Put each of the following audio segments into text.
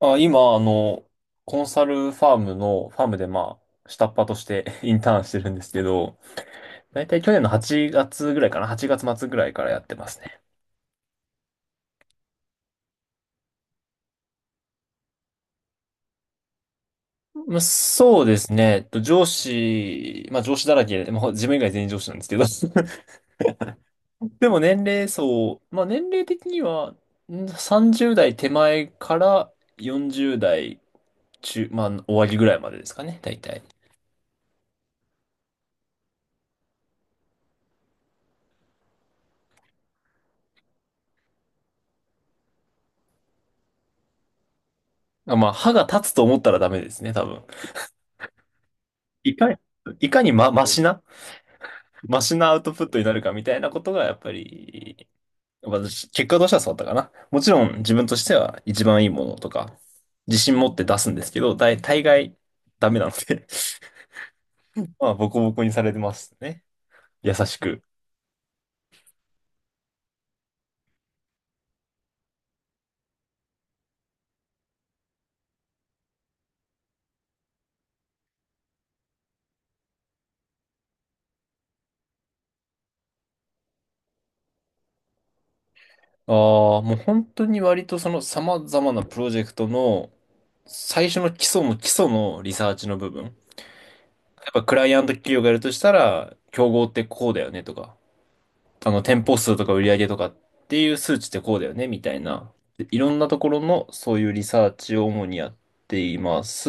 今、コンサルファームの、ファームでまあ、下っ端として インターンしてるんですけど、だいたい去年の8月ぐらいかな、8月末ぐらいからやってますね。まあ、そうですね。えっと上司、まあ上司だらけで、まあ自分以外全員上司なんですけど。でも年齢層、まあ年齢的には、30代手前から40代まあ終わりぐらいまでですかね、大体。まあ歯が立つと思ったらダメですね、多分。いかに、いかにマシなアウトプットになるかみたいなことが、やっぱり、私、結果としてはそうだったかな。もちろん自分としては一番いいものとか、自信持って出すんですけど、大概ダメなので、 まあ、ボコボコにされてますね。優しく。ああ、もう本当に割とその様々なプロジェクトの最初の基礎の基礎のリサーチの部分。やっぱクライアント企業がやるとしたら、競合ってこうだよねとか、店舗数とか売り上げとかっていう数値ってこうだよね、みたいな。でいろんなところのそういうリサーチを主にやっています。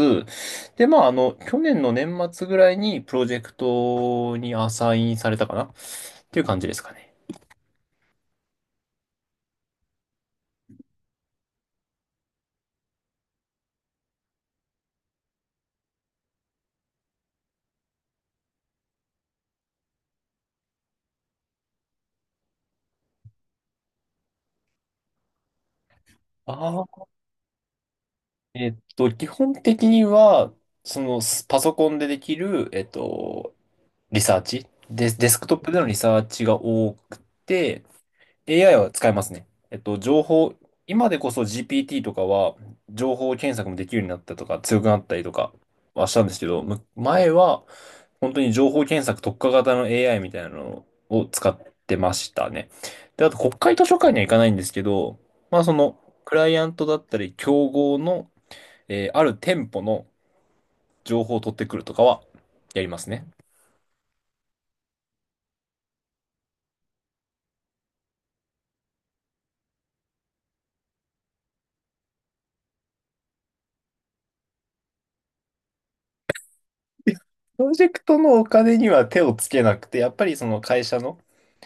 で、まあ、去年の年末ぐらいにプロジェクトにアサインされたかなっていう感じですかね。ああ、基本的には、パソコンでできる、リサーチ、デス、デスクトップでのリサーチが多くて、AI は使えますね。今でこそ GPT とかは情報検索もできるようになったとか強くなったりとかはしたんですけど、前は本当に情報検索特化型の AI みたいなのを使ってましたね。で、あと国会図書館には行かないんですけど、まあそのクライアントだったり競合の、ある店舗の情報を取ってくるとかはやりますね。プロジェクトのお金には手をつけなくて、やっぱりその会社の、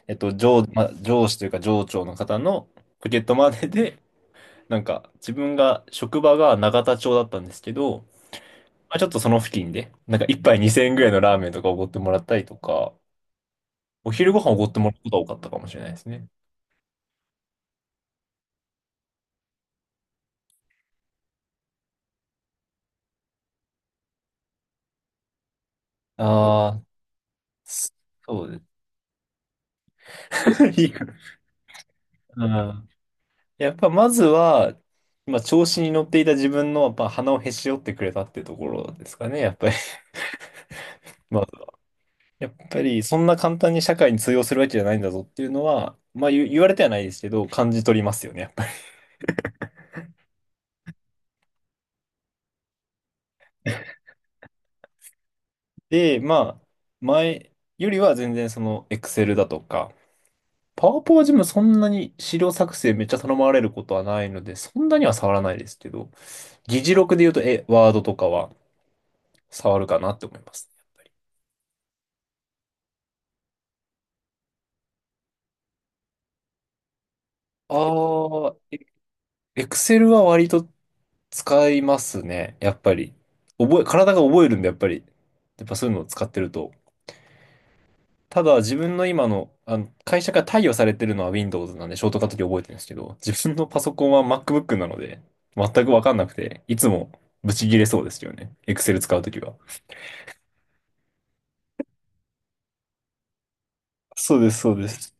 まあ、上司というか上長の方のポケットマネーで、なんか自分が、職場が永田町だったんですけど、まあ、ちょっとその付近で、なんか一杯2000円ぐらいのラーメンとかおごってもらったりとか、お昼ご飯おごってもらうことが多かったかもしれないですね。ああ、そうです。いいかな。うん。やっぱまずは、まあ、調子に乗っていた自分の、やっぱ鼻をへし折ってくれたってところですかね、やっぱり。まあやっぱりそんな簡単に社会に通用するわけじゃないんだぞっていうのは、まあ言われてはないですけど、感じ取りますよね、やっぱり。で、まあ、前よりは全然その Excel だとか、パワポは自分そんなに資料作成めっちゃ頼まれることはないので、そんなには触らないですけど、議事録で言うと、ワードとかは触るかなって思います。ああ、Excel は割と使いますね、やっぱり。体が覚えるんで、やっぱり。やっぱそういうのを使ってると、ただ自分の今の、あの会社から貸与されてるのは Windows なんでショートカットキー覚えてるんですけど、自分のパソコンは MacBook なので、全くわかんなくて、いつもブチ切れそうですよね。Excel 使うときは。そうです、そうです。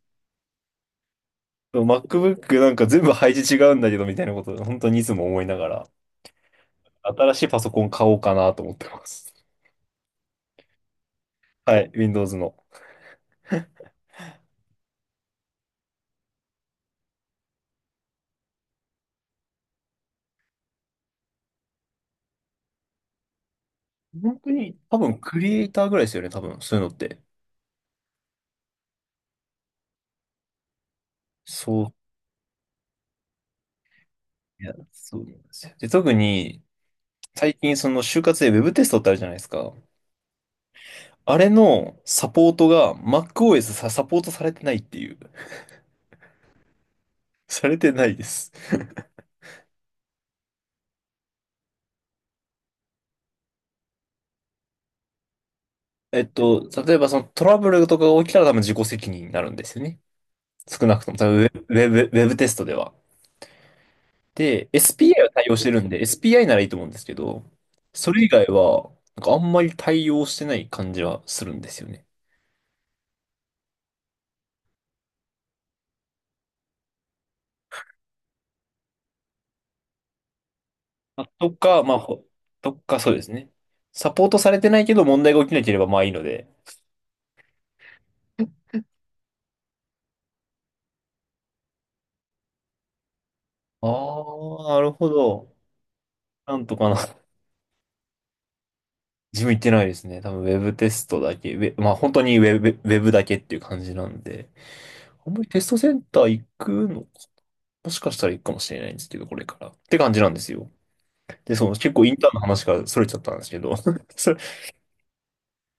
MacBook なんか全部配置違うんだけどみたいなことを本当にいつも思いながら、新しいパソコン買おうかなと思ってます。はい、Windows の。本当に多分クリエイターぐらいですよね、多分そういうのって。そう、いや、そうなんですよ。で、特に最近その就活で Web テストってあるじゃないですか。あれのサポートが MacOS サポートされてないっていう。されてないです。例えばそのトラブルとかが起きたら多分自己責任になるんですよね。少なくとも、多分ウェブテストでは。で、SPI は対応してるんで、SPI ならいいと思うんですけど、それ以外は、なんかあんまり対応してない感じはするんですよね。あとか、まあ、ほとかそうですね。サポートされてないけど問題が起きなければまあいいので。ああ、なるほど。なんとかな。自分行ってないですね。多分ウェブテストだけ。まあ本当にウェブだけっていう感じなんで。あんまりテストセンター行くのか。もしかしたら行くかもしれないんですけど、これから。って感じなんですよ。で、そう、結構インターンの話から逸れちゃったんですけど。それ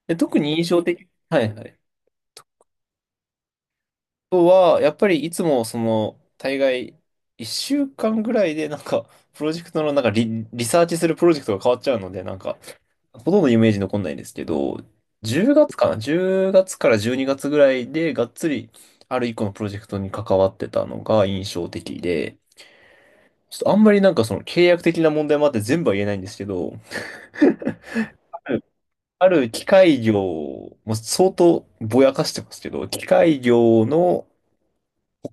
で、特に印象的。はいはい。あとは、やっぱりいつもその、大概、一週間ぐらいでなんか、プロジェクトのなんかリサーチするプロジェクトが変わっちゃうので、なんか、ほとんどイメージ残んないですけど、10月かな？ 10 月から12月ぐらいでがっつりある一個のプロジェクトに関わってたのが印象的で、ちょっとあんまりなんかその契約的な問題もあって全部は言えないんですけど、ある機械業、もう相当ぼやかしてますけど、機械業の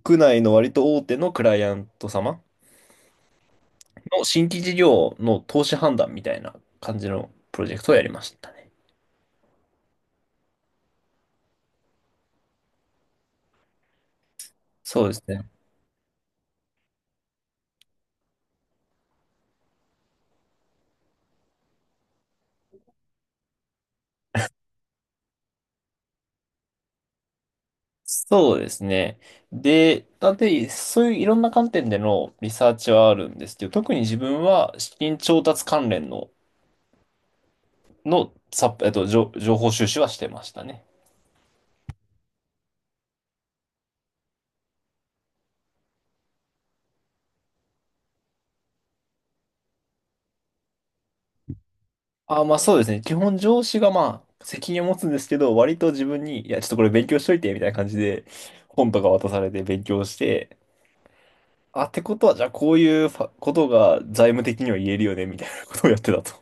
国内の割と大手のクライアント様の新規事業の投資判断みたいな感じのプロジェクトをやりましたね。そうですね。そうですね。で、なんで、そういういろんな観点でのリサーチはあるんですけど、特に自分は資金調達関連の、のさ、えっと、情情報収集はしてましたね。あ、まあそうですね。基本上司がまあ責任を持つんですけど、割と自分に、いや、ちょっとこれ勉強しといて、みたいな感じで本とか渡されて勉強して、あ、ってことは、じゃあこういうことが財務的には言えるよね、みたいなことをやってたと。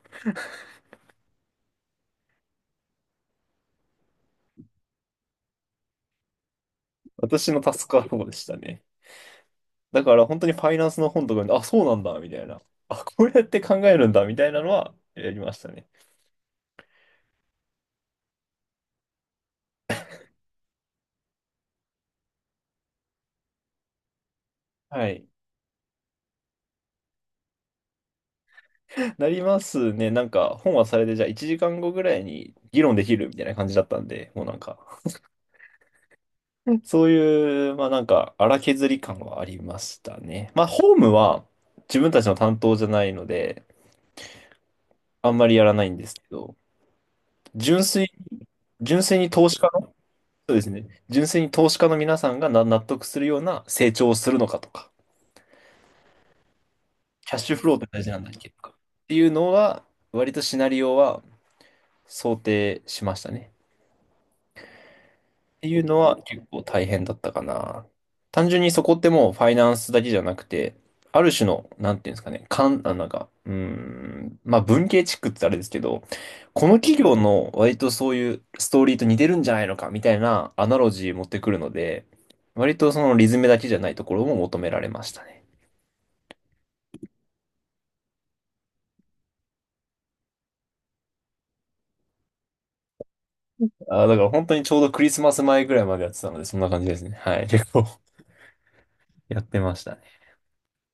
私のタスクはそうでしたね。だから本当にファイナンスの本とかで、あ、そうなんだ、みたいな。あ、こうやって考えるんだ、みたいなのはやりましたね。はい。なりますね。なんか本はそれでじゃあ1時間後ぐらいに議論できるみたいな感じだったんで、もうなんか、うんそういう、まあなんか荒削り感はありましたね。まあホームは自分たちの担当じゃないので、あんまりやらないんですけど、純粋に、純粋に投資家の、そうですね。純粋に投資家の皆さんが納得するような成長をするのかとか、キャッシュフローって大事なんだっけとか。っていうのは、割とシナリオは想定しましたね。っていうのは結構大変だったかな。単純にそこってもうファイナンスだけじゃなくて、ある種の、なんていうんですかね、かん、あ、なんか、まあ文系チックってあれですけど、この企業の割とそういうストーリーと似てるんじゃないのかみたいなアナロジー持ってくるので、割とそのリズムだけじゃないところも求められましたね。だから本当にちょうどクリスマス前ぐらいまでやってたので、そんな感じですね。はい。結構 やってました。